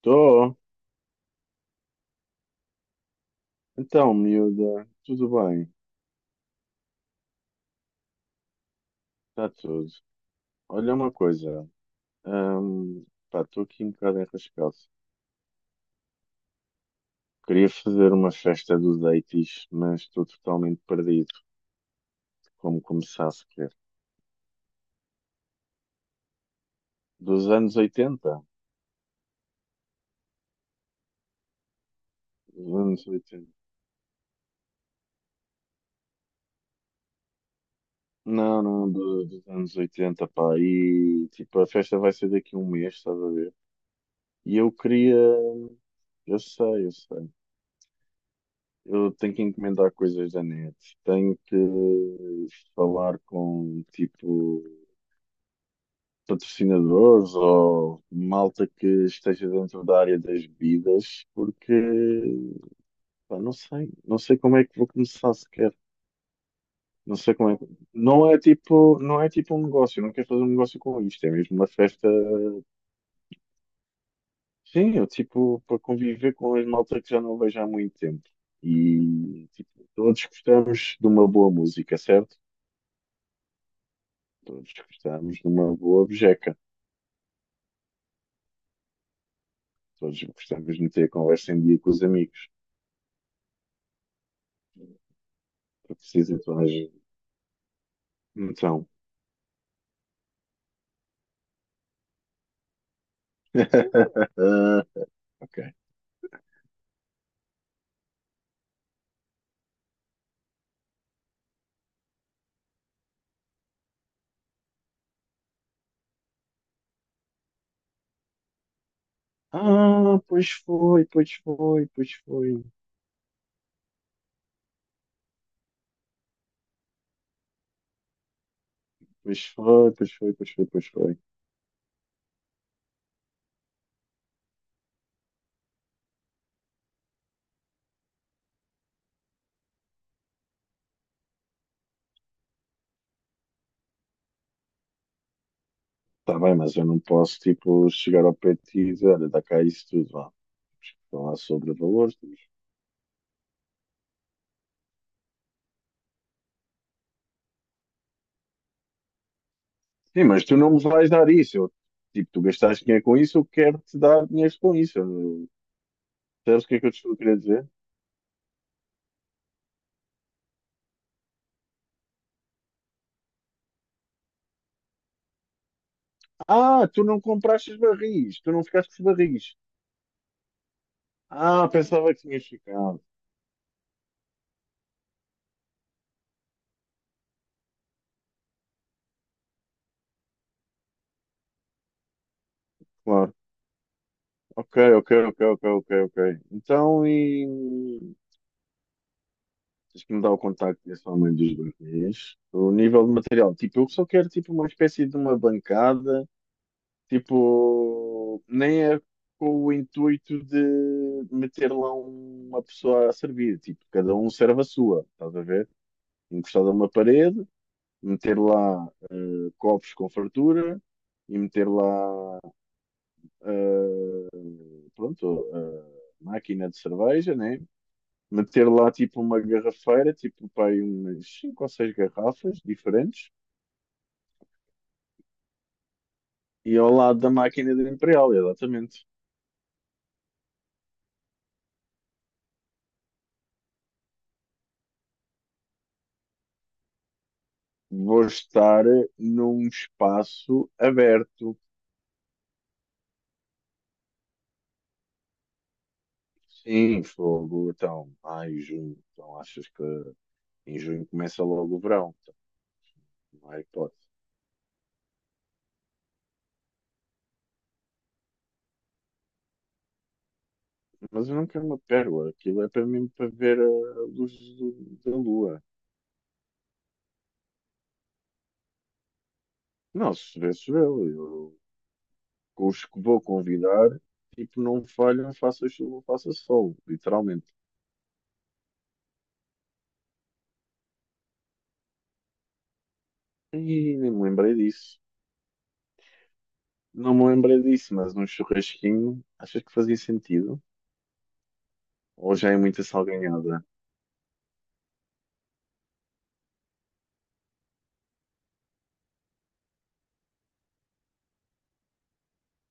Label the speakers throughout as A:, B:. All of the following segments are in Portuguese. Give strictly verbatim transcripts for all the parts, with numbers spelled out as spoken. A: Tô. Então, miúda, tudo bem? Está tudo. Olha uma coisa. Hum, pá, estou aqui um bocado enrascado. Queria fazer uma festa dos oitenta, mas estou totalmente perdido. Como começar sequer? Dos anos oitenta? Dos anos oitenta? Não, não, do- dos anos oitenta, pá. E, tipo, a festa vai ser daqui a um mês, estás a ver? E eu queria... Eu sei, eu sei. Eu tenho que encomendar coisas da net, tenho que falar com tipo patrocinadores ou malta que esteja dentro da área das bebidas, porque pá, não sei, não sei como é que vou começar sequer. Não sei como é que. Não é tipo, não é tipo um negócio, eu não quero fazer um negócio com isto, é mesmo uma festa. Sim, eu tipo para conviver com as malta que já não vejo há muito tempo. E tipo, todos gostamos de uma boa música, certo? Todos gostamos de uma boa bejeca. Todos gostamos de meter a conversa em dia com os amigos. Eu preciso de toda a gente. Então. Ok. Ah, pois foi, pois foi, pois foi. Pois foi, pois foi, pois foi, pois foi. Está bem, mas eu não posso, tipo, chegar ao pé de ti e dizer, olha, dá cá isso tudo, vá. Falar sobre valores, tudo. Sim, mas tu não me vais dar isso. Eu, tipo, tu gastaste dinheiro com isso, eu quero-te dar dinheiro com isso. Eu- Sabes o que é que eu te estou a querer dizer? Ah, tu não compraste os barris, tu não ficaste com os barris. Ah, pensava que tinhas ficado. Claro. Ok, ok, ok, ok, ok, ok. Então, e tens que me dar o contacto dessa mãe dos barris. O nível de material. Tipo, eu só quero tipo uma espécie de uma bancada. Tipo, nem é com o intuito de meter lá uma pessoa a servir. Tipo, cada um serve a sua, estás a ver? Encostado a uma parede. Meter lá eh, copos com fartura e meter lá, eh, pronto, a máquina de cerveja, né? Meter lá tipo uma garrafeira, tipo pai, umas cinco ou seis garrafas diferentes e ao lado da máquina do Imperial, exatamente. Vou estar num espaço aberto. Sim, fogo, então, ai, junho, então achas que em junho começa logo o verão? Então, não há hipótese. Mas eu não quero uma pérola. Aquilo é para mim para ver a luz do- da lua. Não, se vê, se Eu, com os que vou convidar, tipo, não falham, faça chuva, faça sol, literalmente. E nem me lembrei disso. Não me lembrei disso, mas num churrasquinho, achas que fazia sentido? Ou já é muita salganhada?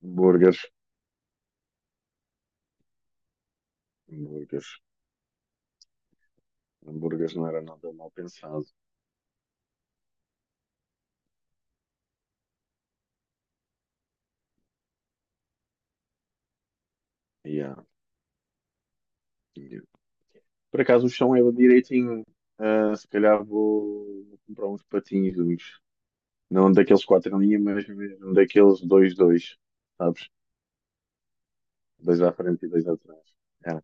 A: Hambúrgueres, hambúrgueres. Hambúrgueres não era nada mal pensado. Yeah, yeah. Por acaso o chão é direitinho. Ah, se calhar vou vou comprar uns patinhos. Não daqueles quatro em linha, mas mesmo daqueles dois, dois, sabes? Dois à frente e dois atrás. É.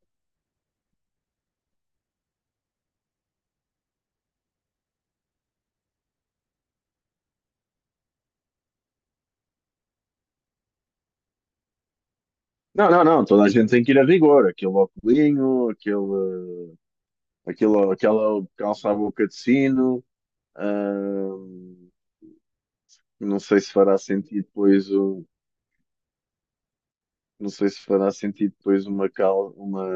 A: Não, não, não, toda a gente tem que ir a rigor. Aquele óculinho, aquele, aquele, aquela calça-boca de sino. ahm, não sei se fará sentido depois o. Não sei se fará sentido depois uma cal, uma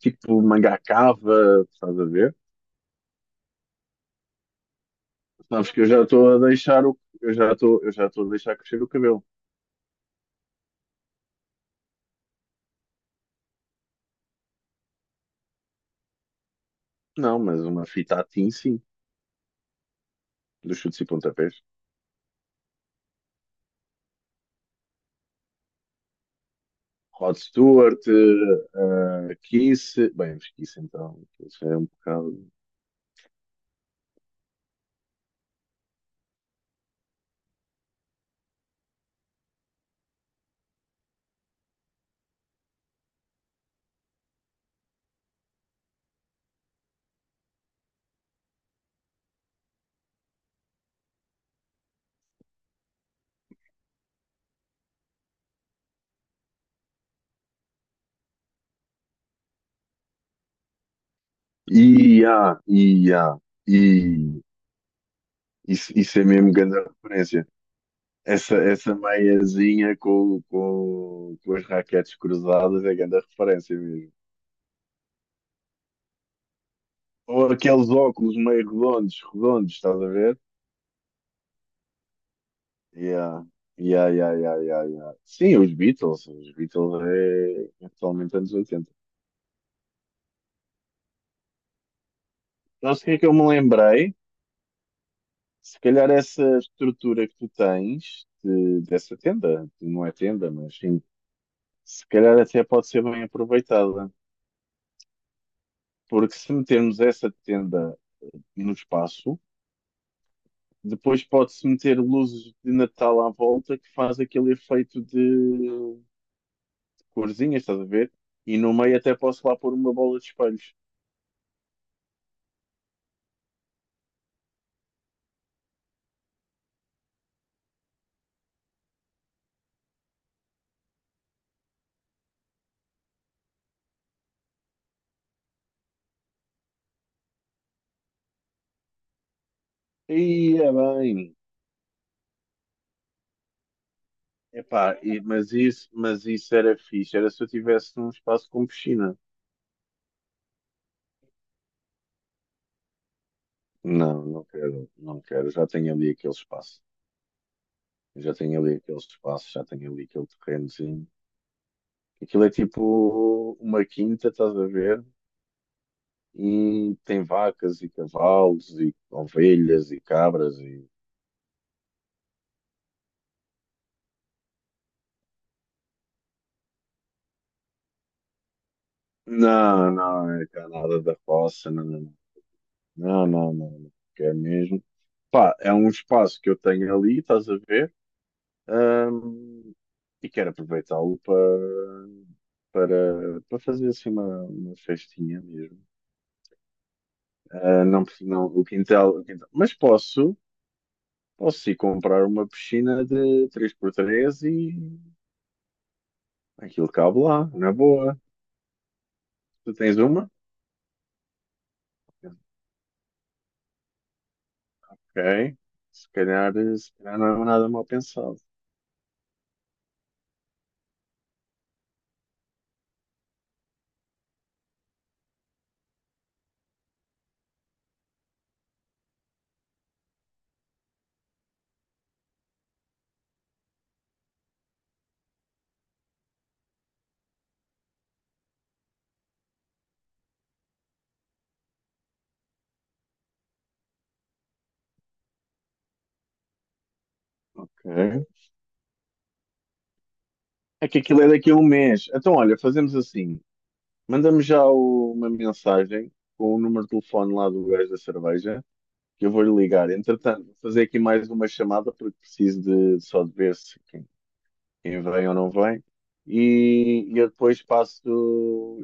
A: tipo manga cava, estás a ver? Sabes que eu já estou a deixar o, eu já estou, eu já estou a deixar crescer o cabelo. Não, mas uma fita a sim, dos chutes e pontapés. Rod Stewart, eh, Kiss, bem, mas Kiss então, isso é um bocado. E há, e há, e isso, isso é mesmo grande referência. Essa, essa meiazinha com, com, com as raquetes cruzadas é grande referência mesmo. Ou aqueles óculos meio redondos, redondos, estás a ver? Yeah. Yeah, yeah, yeah, yeah, yeah. Sim, os Beatles, os Beatles é, é totalmente anos oitenta. Não sei o que é que eu me lembrei, se calhar essa estrutura que tu tens de- dessa tenda, que não é tenda, mas sim, se calhar até pode ser bem aproveitada, porque se metermos essa tenda no espaço, depois pode-se meter luzes de Natal à volta que faz aquele efeito de, de corzinhas, estás a ver? E no meio até posso lá pôr uma bola de espelhos. E é bem. Epá, e- mas isso, mas isso era fixe, era se eu tivesse num espaço com piscina. Não, não quero, não quero. Já tenho ali aquele espaço. Já tenho ali aquele espaço, já tenho ali aquele terrenozinho. Aquilo é tipo uma quinta, estás a ver? E tem vacas e cavalos e ovelhas e cabras e... Não, não, é cá nada da roça, não, não, não, não, não, não, que é mesmo. Pá, é um espaço que eu tenho ali, estás a ver? Ahm, e quero aproveitá-lo para, para, para fazer assim uma, uma festinha mesmo. Ah, não, porque não, o quintal, o quintal. Mas posso, posso ir comprar uma piscina de três por três e aquilo cabe lá, na boa. Tu tens uma? Ok. Se calhar, se calhar não é nada mal pensado. Ok. É que aquilo é daqui a um mês. Então, olha, fazemos assim. Manda-me já o- uma mensagem com o número de telefone lá do gajo da cerveja, que eu vou-lhe ligar. Entretanto, vou fazer aqui mais uma chamada porque preciso de só de ver se, quem vem ou não vem. E, e eu depois passo,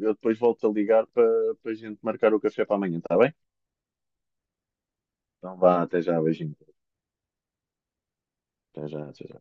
A: eu depois volto a ligar para para a gente marcar o café para amanhã, está bem? Então vá, até já, beijinho. Até já, até já.